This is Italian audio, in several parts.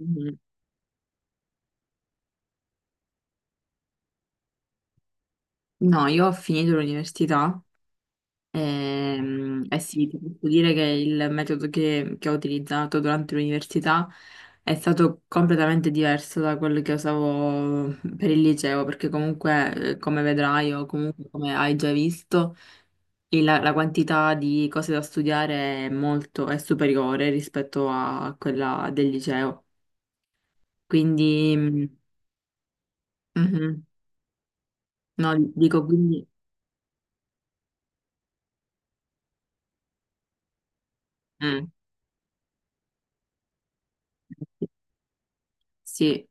Mhm. No, io ho finito l'università e, eh sì, ti posso dire che il metodo che ho utilizzato durante l'università è stato completamente diverso da quello che usavo per il liceo, perché comunque, come vedrai o comunque come hai già visto, la quantità di cose da studiare è molto, è superiore rispetto a quella del liceo. Quindi, mhm. No, dico quindi... mm. Sì,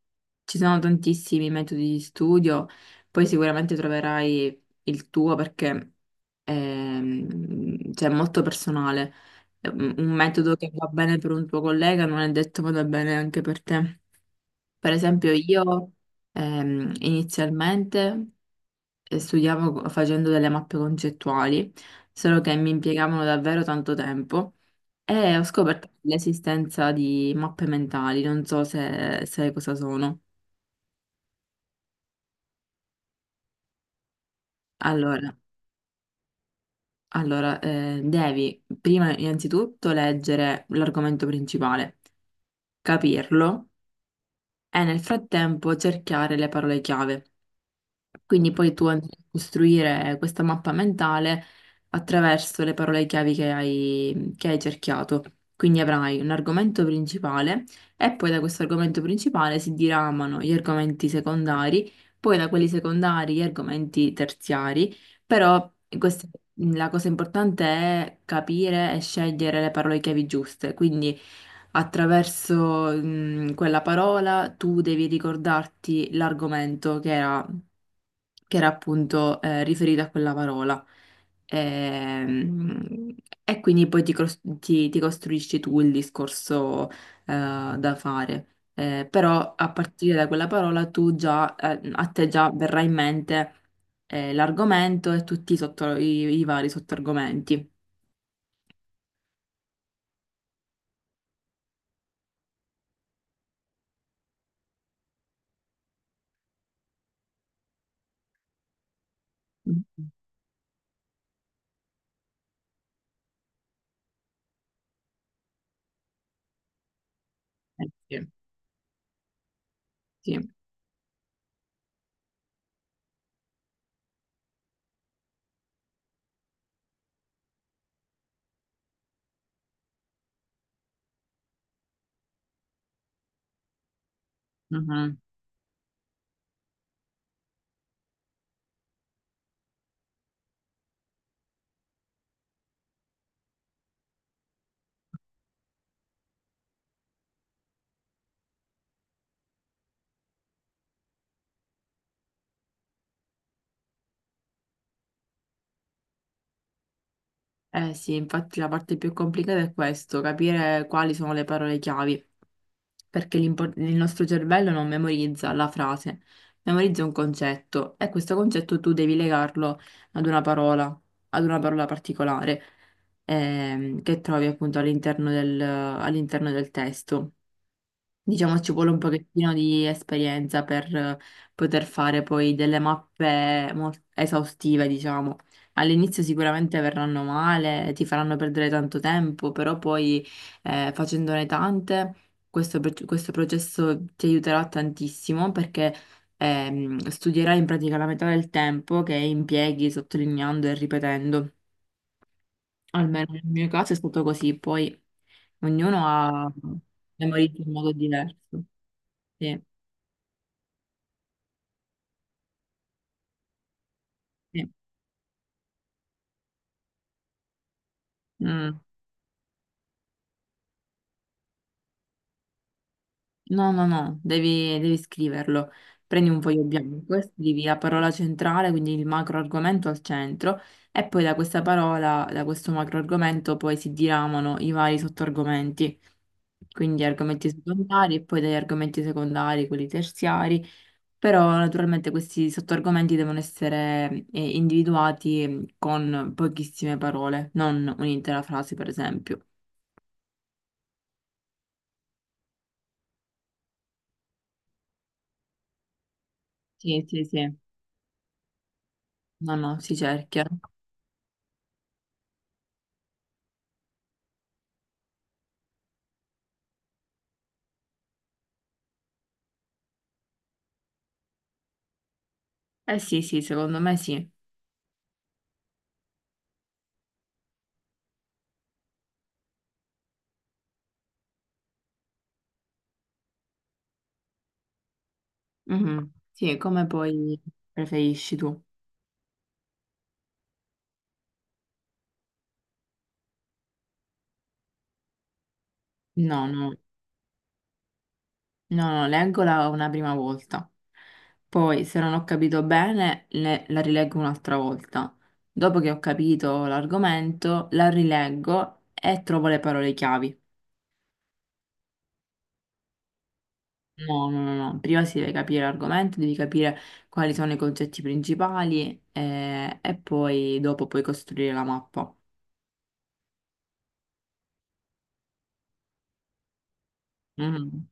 ci sono tantissimi metodi di studio, poi sicuramente troverai il tuo perché cioè, è molto personale. È un metodo che va bene per un tuo collega non è detto vada bene anche per te. Per esempio, io inizialmente facendo delle mappe concettuali, solo che mi impiegavano davvero tanto tempo e ho scoperto l'esistenza di mappe mentali, non so se sai cosa sono. Allora, allora, devi prima innanzitutto leggere l'argomento principale, capirlo e nel frattempo cercare le parole chiave. Quindi poi tu andrai a costruire questa mappa mentale attraverso le parole chiavi che hai cerchiato. Quindi avrai un argomento principale e poi da questo argomento principale si diramano gli argomenti secondari, poi da quelli secondari gli argomenti terziari, però questa- la cosa importante è capire e scegliere le parole chiavi giuste. Quindi attraverso quella parola tu devi ricordarti l'argomento che era appunto riferito a quella parola. Ehm, E quindi poi ti costruisci tu il discorso da fare. Però a partire da quella parola tu già, a te già verrà in mente l'argomento e tutti i vari sottoargomenti. Mhm. Sì, sì. Mhm. Eh sì, infatti la parte più complicata è questo, capire quali sono le parole chiave. Perché il nostro cervello non memorizza la frase, memorizza un concetto e questo concetto tu devi legarlo ad una parola, ad una parola particolare che trovi appunto all'interno del testo. Diciamo ci vuole un pochettino di esperienza per poter fare poi delle esaustive, diciamo. All'inizio sicuramente verranno male, ti faranno perdere tanto tempo, però poi facendone tante, questo processo ti aiuterà tantissimo perché studierai in pratica la metà del tempo che impieghi sottolineando e ripetendo. Almeno nel mio caso è stato così, poi ognuno ha memorizzato in modo diverso. Sì. Sì. Mm. No, no, no, devi scriverlo. Prendi un foglio bianco e scrivi la parola centrale, quindi il macro argomento al centro, e poi da questa parola, da questo macro argomento, poi si diramano i vari sottoargomenti. Quindi argomenti secondari e poi dagli argomenti secondari, quelli terziari, però naturalmente questi sottoargomenti devono essere individuati con pochissime parole, non un'intera frase, per esempio. Sì, sì, sì. No, no, si cerchia. Eh sì, sì, secondo me sì. Mhm. Sì, come poi preferisci tu? No, no, no, no, leggola una prima volta. Poi, se non ho capito bene, la rileggo un'altra volta. Dopo che ho capito l'argomento, la rileggo e trovo le parole chiavi. No, no, no, no. Prima si deve capire l'argomento, devi capire quali sono i concetti principali e poi dopo puoi costruire la mappa. Mm.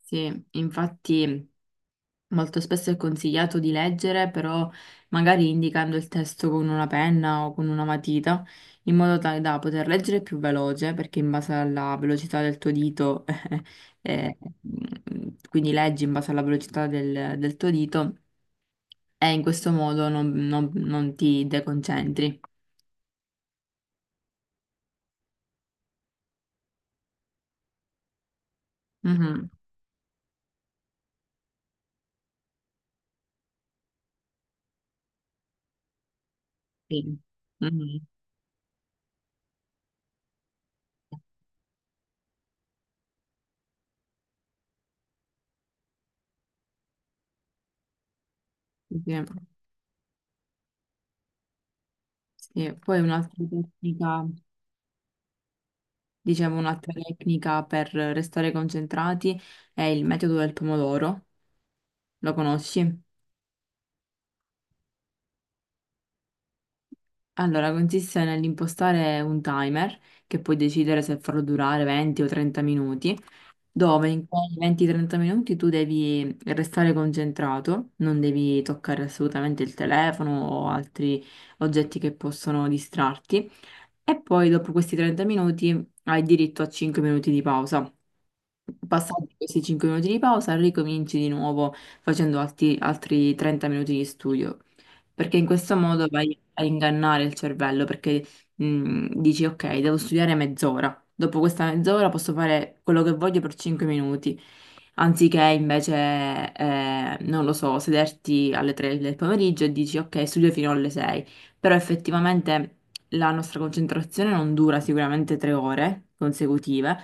Sì, infatti. Molto spesso è consigliato di leggere, però magari indicando il testo con una penna o con una matita, in modo tale da poter leggere più veloce, perché in base alla velocità del tuo dito, eh, quindi leggi in base alla velocità del tuo dito, e in questo modo non ti deconcentri. Mhm. Sì. Mhm, sì, sì. Sì. Poi un'altra tecnica, dicevo, un'altra tecnica per restare concentrati è il metodo del pomodoro. Lo conosci? Allora, consiste nell'impostare un timer che puoi decidere se farlo durare 20 o 30 minuti, dove in quei 20-30 minuti tu devi restare concentrato, non devi toccare assolutamente il telefono o altri oggetti che possono distrarti. E poi dopo questi 30 minuti hai diritto a 5 minuti di pausa. Passati questi 5 minuti di pausa, ricominci di nuovo facendo altri 30 minuti di studio, perché in questo modo vai a ingannare il cervello, perché dici ok, devo studiare mezz'ora, dopo questa mezz'ora posso fare quello che voglio per 5 minuti, anziché invece, non lo so, sederti alle 3 del pomeriggio e dici ok, studio fino alle 6, però effettivamente la nostra concentrazione non dura sicuramente 3 ore consecutive.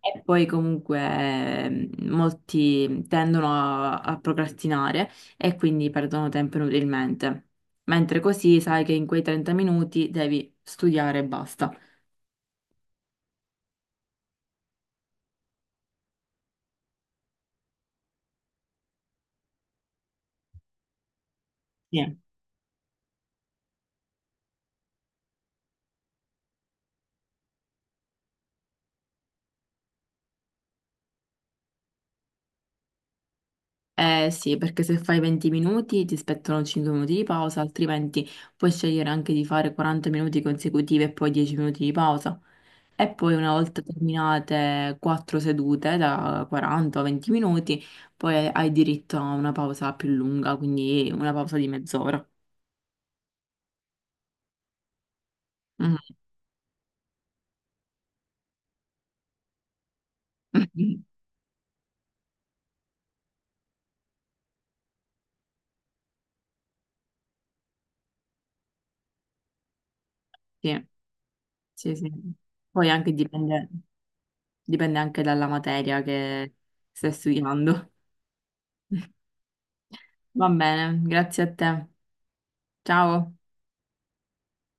E poi comunque molti tendono a procrastinare e quindi perdono tempo inutilmente. Mentre così sai che in quei 30 minuti devi studiare e basta. Sì. Eh sì, perché se fai 20 minuti ti spettano 5 minuti di pausa, altrimenti puoi scegliere anche di fare 40 minuti consecutivi e poi 10 minuti di pausa. E poi una volta terminate quattro sedute da 40 o 20 minuti, poi hai diritto a una pausa più lunga, quindi una pausa di mezz'ora. Mhm. Sì, sì, sì. Poi anche dipende, dipende anche dalla materia che stai studiando. Va bene, grazie a te. Ciao.